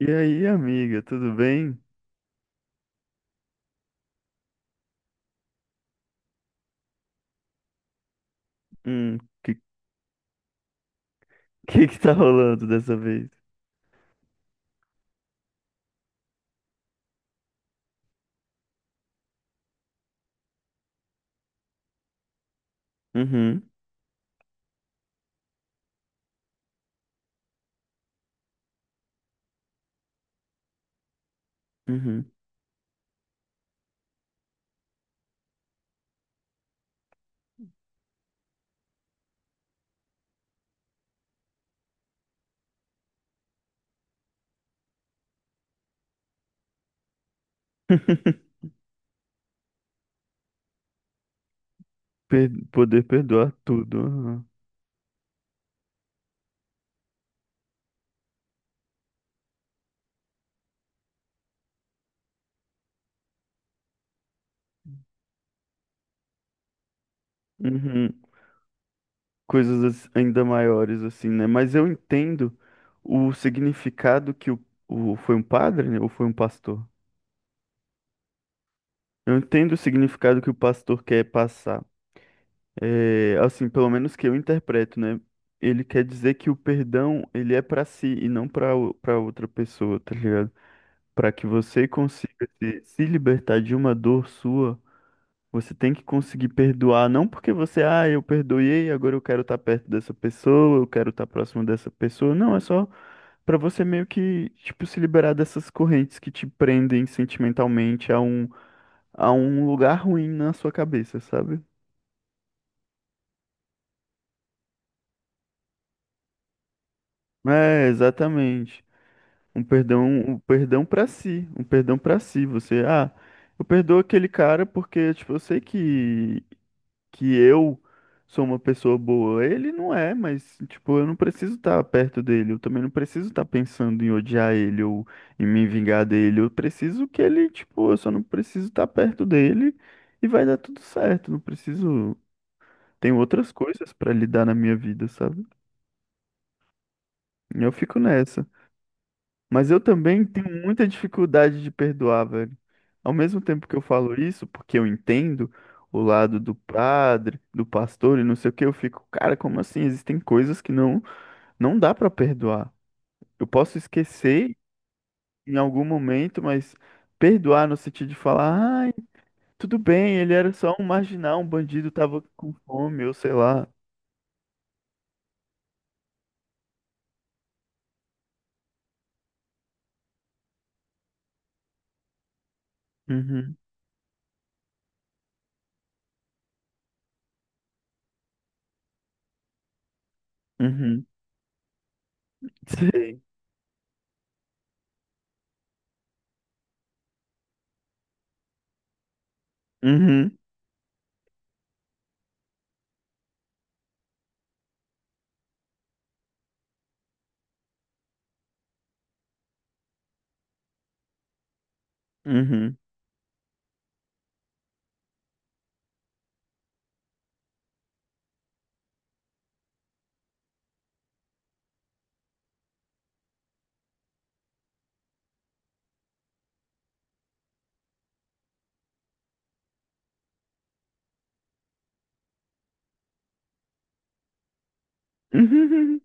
E aí, amiga, tudo bem? Hum, que, que tá rolando dessa vez? Uhum, uhum. Poder perdoar tudo. Aham. Uhum. Coisas ainda maiores, assim, né? Mas eu entendo o significado que o foi um padre, né? Ou foi um pastor? Eu entendo o significado que o pastor quer passar. É, assim, pelo menos que eu interpreto, né? Ele quer dizer que o perdão, ele é pra si e não para outra pessoa, tá ligado? Para que você consiga se libertar de uma dor sua, você tem que conseguir perdoar, não porque você, ah, eu perdoei, agora eu quero estar perto dessa pessoa, eu quero estar próximo dessa pessoa. Não, é só para você meio que, tipo, se liberar dessas correntes que te prendem sentimentalmente a um lugar ruim na sua cabeça, sabe? É, exatamente. Um perdão para si, um perdão para si. Você, ah, eu perdoo aquele cara porque, tipo, eu sei que eu sou uma pessoa boa. Ele não é, mas, tipo, eu não preciso estar perto dele. Eu também não preciso estar pensando em odiar ele ou em me vingar dele. Eu preciso que ele, tipo, eu só não preciso estar perto dele e vai dar tudo certo. Não preciso. Tem outras coisas pra lidar na minha vida, sabe? Eu fico nessa. Mas eu também tenho muita dificuldade de perdoar, velho. Ao mesmo tempo que eu falo isso, porque eu entendo o lado do padre, do pastor e não sei o que, eu fico, cara, como assim? Existem coisas que não dá pra perdoar. Eu posso esquecer em algum momento, mas perdoar no sentido de falar, ai, tudo bem, ele era só um marginal, um bandido, tava com fome, ou sei lá. Uhum, uhum, sei. Uhum, uhum, uhum,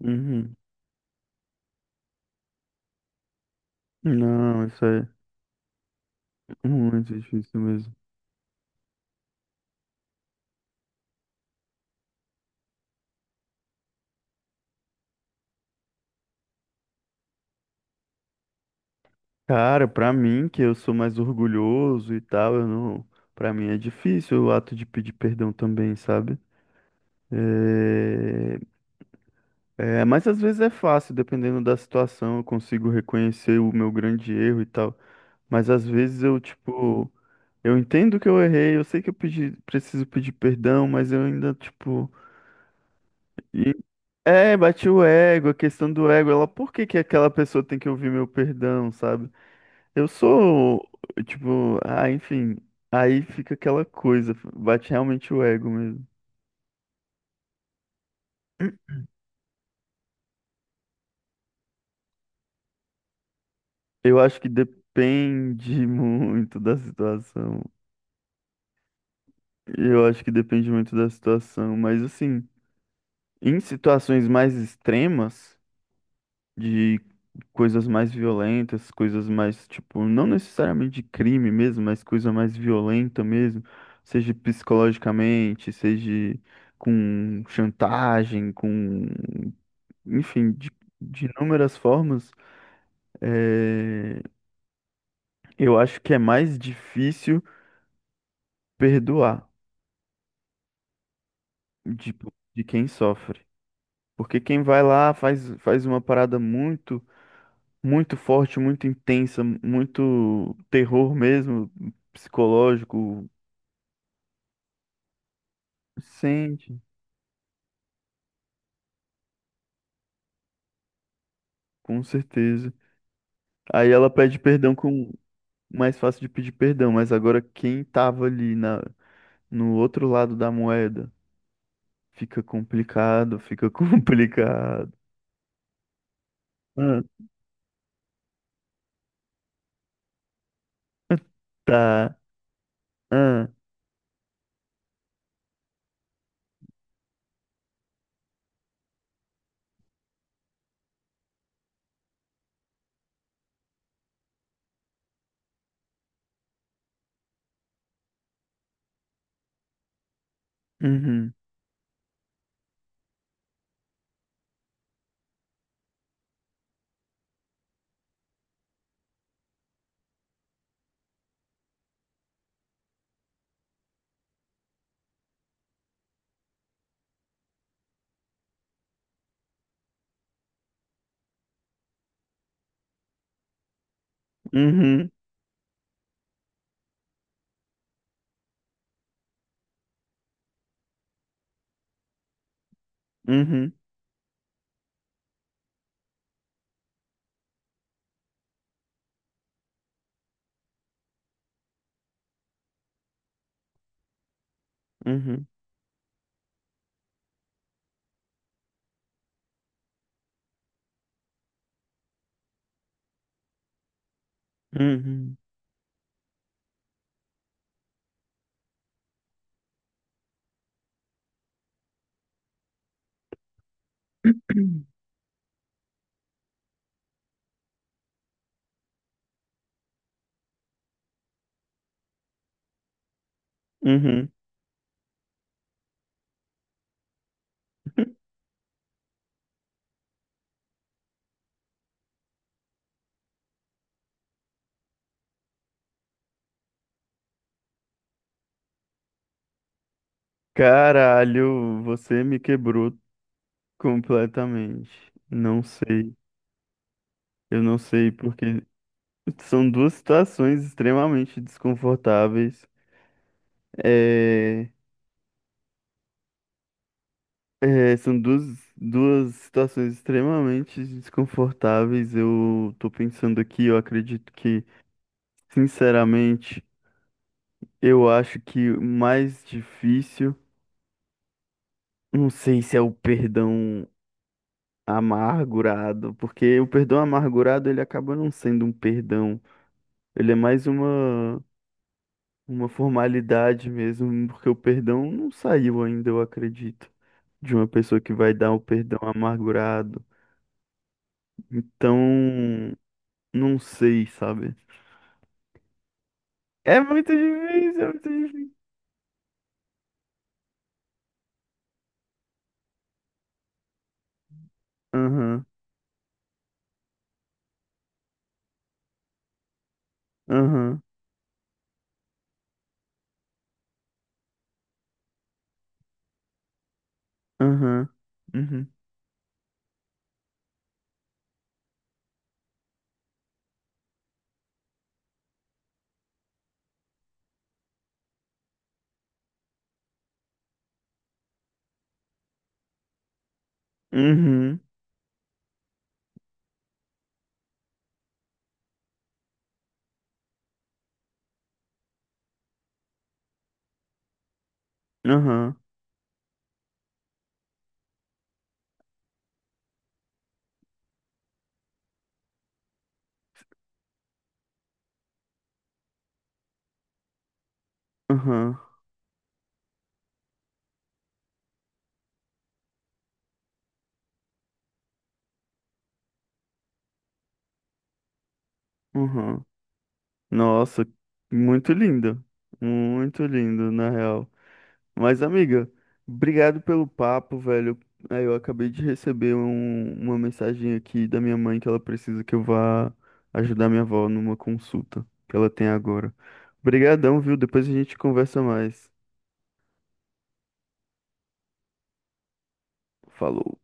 uhum. Não, isso aí. Muito difícil mesmo. Cara, pra mim, que eu sou mais orgulhoso e tal, eu não. Pra mim é difícil o ato de pedir perdão também, sabe? É... é, mas às vezes é fácil, dependendo da situação, eu consigo reconhecer o meu grande erro e tal. Mas às vezes eu, tipo, eu entendo que eu errei, eu sei que eu pedi... preciso pedir perdão, mas eu ainda, tipo. e- É, bati o ego, a questão do ego, ela, por que que aquela pessoa tem que ouvir meu perdão, sabe? Eu sou, tipo, ah, enfim, aí fica aquela coisa, bate realmente o ego mesmo. Eu acho que depende muito da situação. Eu acho que depende muito da situação, mas assim, em situações mais extremas, de coisas mais violentas, coisas mais, tipo, não necessariamente de crime mesmo, mas coisa mais violenta mesmo, seja psicologicamente, seja com chantagem, com enfim, de inúmeras formas, eh, eu acho que é mais difícil perdoar de, de quem sofre. Porque quem vai lá faz uma parada muito, muito forte, muito intensa, muito terror mesmo, psicológico, sente, com certeza. Aí ela pede perdão com mais fácil de pedir perdão, mas agora quem tava ali no outro lado da moeda fica complicado, fica complicado. Ah, tá. Ah, uhum, uhum, uhum, uhum, uhum, uhum. Caralho, você me quebrou completamente. Não sei, eu não sei porque são duas situações extremamente desconfortáveis. É, é, são duas, duas situações extremamente desconfortáveis. Eu tô pensando aqui, eu acredito que, sinceramente, eu acho que o mais difícil, não sei se é o perdão amargurado, porque o perdão amargurado ele acaba não sendo um perdão, ele é mais uma formalidade mesmo, porque o perdão não saiu ainda, eu acredito, de uma pessoa que vai dar o perdão amargurado. Então, não sei, sabe? É muito difícil, é muito difícil. Aham, aham, aham, uhum, uhum, aham, aham, aham. Nossa, muito lindo. Muito lindo, na real. Mas, amiga, obrigado pelo papo, velho. É, eu acabei de receber uma mensagem aqui da minha mãe que ela precisa que eu vá ajudar minha avó numa consulta que ela tem agora. Obrigadão, viu? Depois a gente conversa mais. Falou.